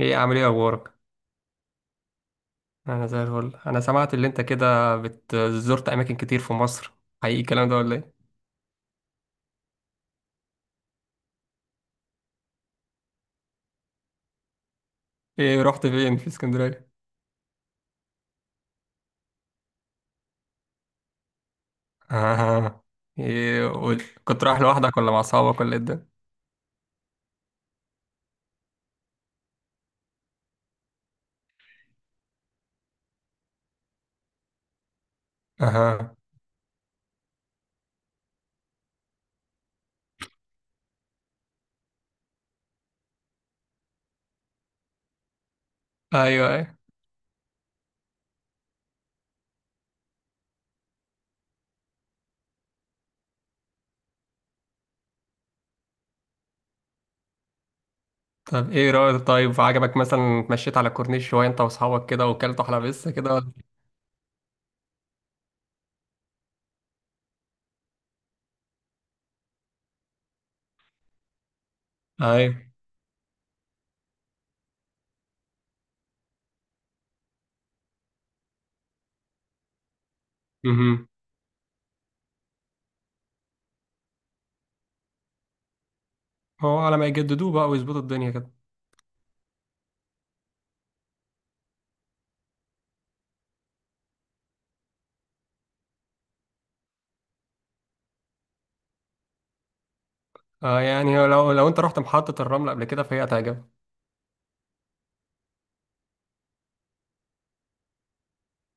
ايه عامل ايه اخبارك؟ انا زي الفل. انا سمعت اللي انت كده زرت اماكن كتير في مصر، حقيقي الكلام ده ولا ايه؟ ايه رحت فين في اسكندريه؟ اها. ايه قول، كنت رايح لوحدك ولا مع اصحابك ولا ايه الدنيا؟ اها. ايوه ايوه، طب ايه رايك؟ طيب عجبك مثلا اتمشيت على الكورنيش شويه انت واصحابك كده وكلتوا حلقه بس كده ولا؟ ايوه. اها، هو على ما يجددوه بقى ويظبطوا الدنيا كده. اه يعني لو انت رحت محطه الرمل قبل كده فهي هتعجبك.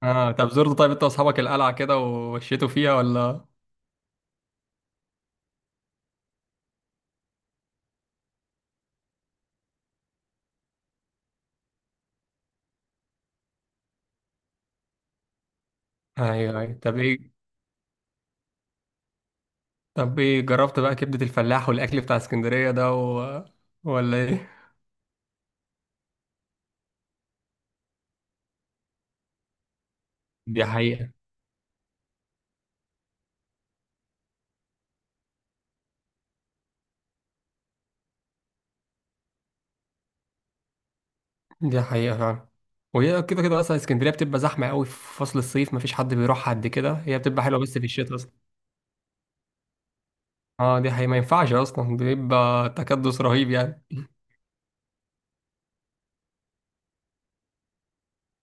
اه طب زرت طيب انت واصحابك القلعه كده ومشيتوا فيها ولا؟ ايوه ايوه. طب ايه جربت بقى كبدة الفلاح والاكل بتاع اسكندرية ده ولا ايه؟ دي حقيقة. دي حقيقة فعلا، وهي كده كده اصلا اسكندرية بتبقى زحمة قوي في فصل الصيف، مفيش حد بيروح قد كده. هي بتبقى حلوة بس في الشتاء اصلا. اه دي حقيقة، ما ينفعش اصلا، بيبقى تكدس رهيب يعني.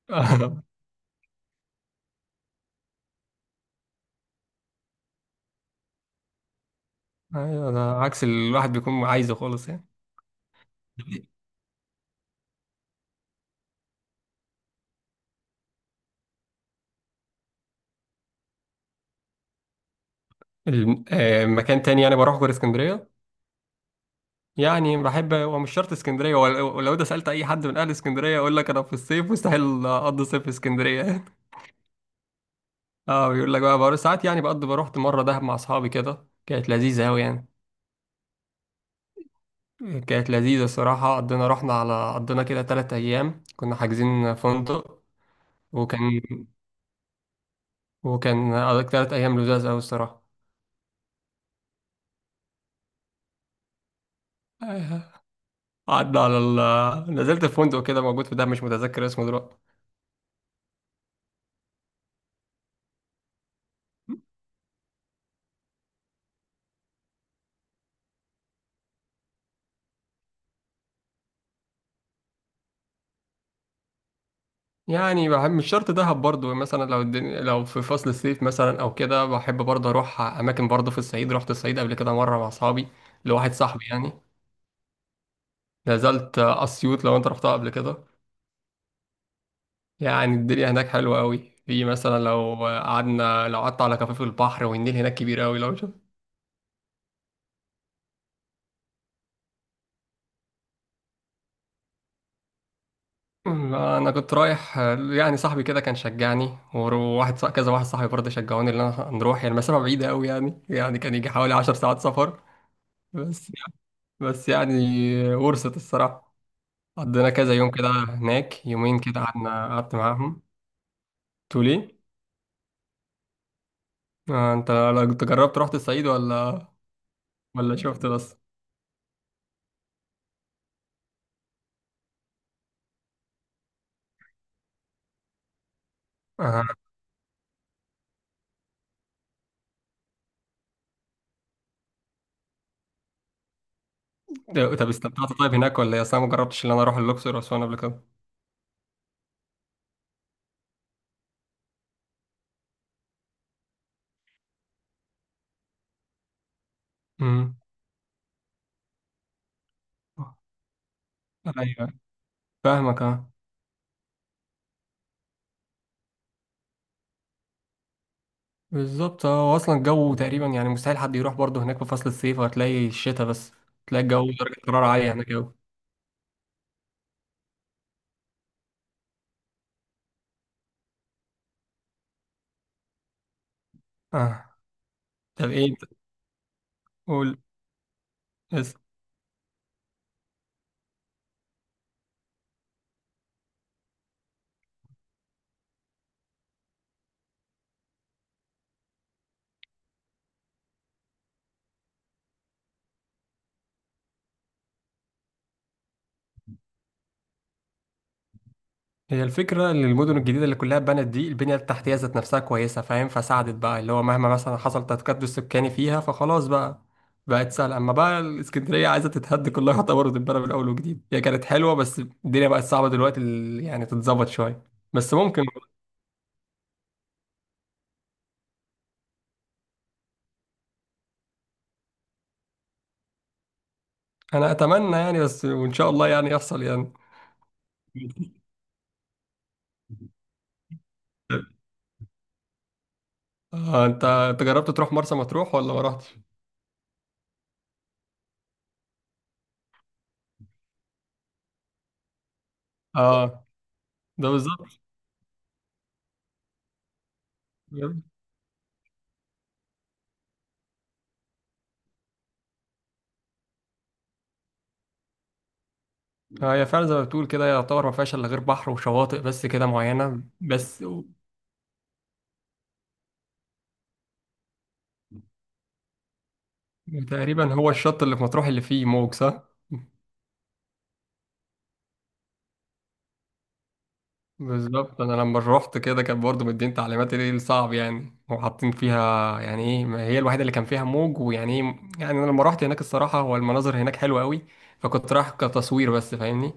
ايوه، ده عكس اللي الواحد بيكون عايزه خالص يعني. مكان تاني يعني بروح غير اسكندرية. يعني بحب، هو مش شرط اسكندريه، ولو ده سالت اي حد من اهل اسكندريه يقول لك انا في الصيف مستحيل اقضي صيف في اسكندريه. اه بيقول لك. بقى بروح ساعات يعني، بقضي، بروحت مره دهب مع اصحابي كده، كانت لذيذه الصراحه. قضينا، رحنا على قضينا كده ثلاث ايام، كنا حاجزين فندق، وكان وكان قضيت ثلاث ايام لذاذ قوي الصراحه. آه. قعدنا على نزلت في فندق كده موجود في دهب، مش متذكر اسمه دلوقتي. يعني بحب، مش شرط دهب برضو. مثلا لو الدنيا، لو في فصل الصيف مثلا او كده، بحب برضو اروح اماكن برضو في الصعيد. رحت الصعيد قبل كده مره مع اصحابي، لواحد صاحبي يعني. نزلت اسيوط، لو انت رحتها قبل كده يعني الدنيا هناك حلوه قوي. في مثلا لو قعدت على كفاف البحر، والنيل هناك كبير قوي لو شفت. انا كنت رايح يعني، صاحبي كده كان شجعني، وواحد كذا واحد صاحبي برضه شجعوني ان انا نروح. يعني المسافه بعيده قوي يعني كان يجي حوالي 10 ساعات سفر. بس يعني ورثت الصراحة، قضينا كذا يوم كده هناك، يومين كده قعدنا، قعدت معاهم. تقول ايه؟ آه انت لو كنت جربت رحت الصعيد ولا شفت بس؟ آه. طب استمتعت طيب هناك ولا ايه؟ اصل انا ما جربتش ان انا اروح الاقصر واسوان قبل كده. امم. ايوه، فاهمك. اه بالظبط، اه هو اصلا الجو تقريبا يعني مستحيل حد يروح برضه هناك في فصل الصيف، وهتلاقي الشتاء بس، تلاقي الجو درجة حرارة عالية هناك أوي. اه، طب ايه انت، قول. هي الفكرة إن المدن الجديدة اللي كلها اتبنت دي، البنية التحتية ذات نفسها كويسة، فاهم؟ فساعدت بقى اللي هو مهما مثلا حصل تكدس سكاني فيها فخلاص بقى، بقت سهلة. أما بقى الإسكندرية عايزة تتهد كلها يعتبر وتتبنى من أول وجديد. هي كانت حلوة بس الدنيا بقت صعبة دلوقتي. يعني تتظبط شوية بس ممكن. أنا أتمنى يعني، بس وإن شاء الله يعني يحصل يعني. آه، أنت جربت تروح مرسى مطروح ولا ما رحتش؟ آه. ده بالظبط. هي فعلا زي ما بتقول كده، يعتبر ما فيهاش الا غير بحر وشواطئ بس كده معينه بس. تقريبا هو الشط اللي في مطروح اللي فيه موج، صح؟ بالظبط. انا لما روحت كده كان برضه مدين تعليمات ايه الصعب يعني، وحاطين فيها يعني ايه، ما هي الوحيده اللي كان فيها موج ويعني ايه. يعني انا لما روحت هناك الصراحه هو المناظر هناك حلوه قوي، فكنت رايح كتصوير بس فاهمني.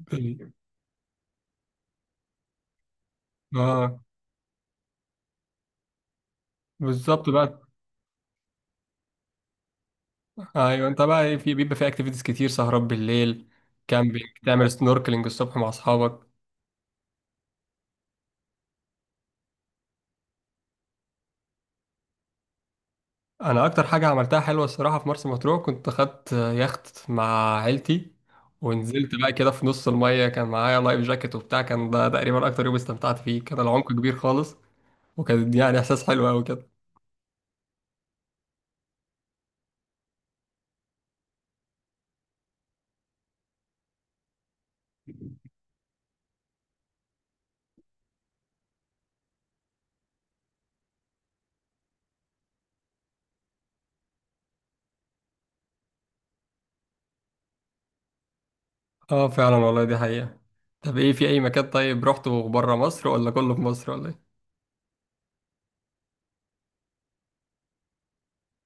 أوكي. اه بالظبط بقى. ايوه انت بقى ايه؟ في بيبقى في اكتيفيتيز كتير، سهرات بالليل، كامبينج، تعمل سنوركلينج الصبح مع اصحابك. انا اكتر حاجه عملتها حلوه الصراحه في مرسى مطروح، كنت خدت يخت مع عيلتي، ونزلت بقى كده في نص الميه، كان معايا لايف جاكيت وبتاع. كان ده تقريبا اكتر يوم استمتعت فيه، كان العمق كبير خالص، وكان يعني احساس حلو قوي كده. اه فعلا والله دي حقيقه. طب ايه، في اي مكان طيب رحته بره مصر ولا كله في مصر ولا ايه؟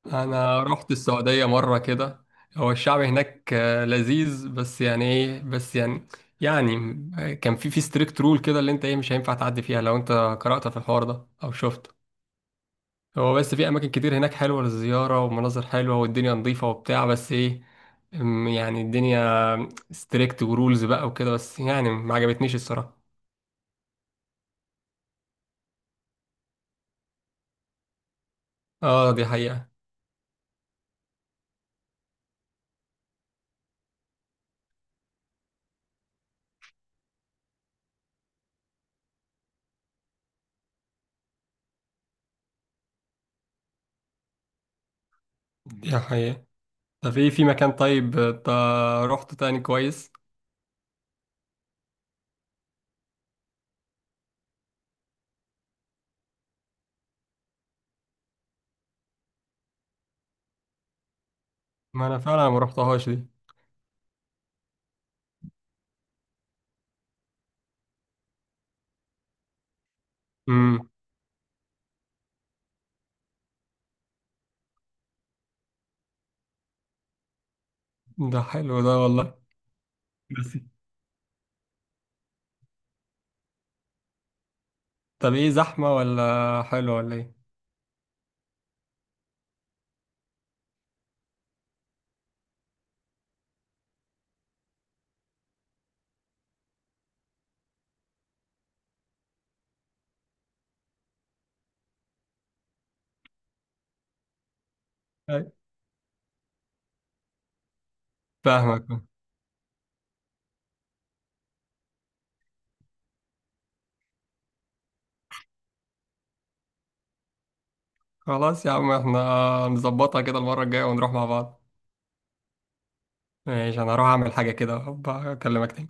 انا رحت السعوديه مره كده، هو الشعب هناك لذيذ بس يعني ايه، بس يعني، يعني كان في ستريكت رول كده، اللي انت ايه مش هينفع تعدي فيها لو انت قرأت في الحوار ده او شفت. هو بس في اماكن كتير هناك حلوه للزياره، ومناظر حلوه والدنيا نظيفه وبتاع، بس ايه، يعني الدنيا ستريكت ورولز بقى وكده، بس يعني ما عجبتنيش الصراحه. اه دي حقيقه. دي حقيقه، طب ايه في مكان طيب، رحت تاني كويس؟ ما انا فعلا ما رحتهاش. دي ده حلو ده والله. بس طب ايه، زحمة ولا حلو ولا ايه؟ أي. فاهمك. خلاص يا عم، احنا نظبطها كده المرة الجاية ونروح مع بعض. ماشي، انا هروح اعمل حاجة كده، أبقى اكلمك تاني.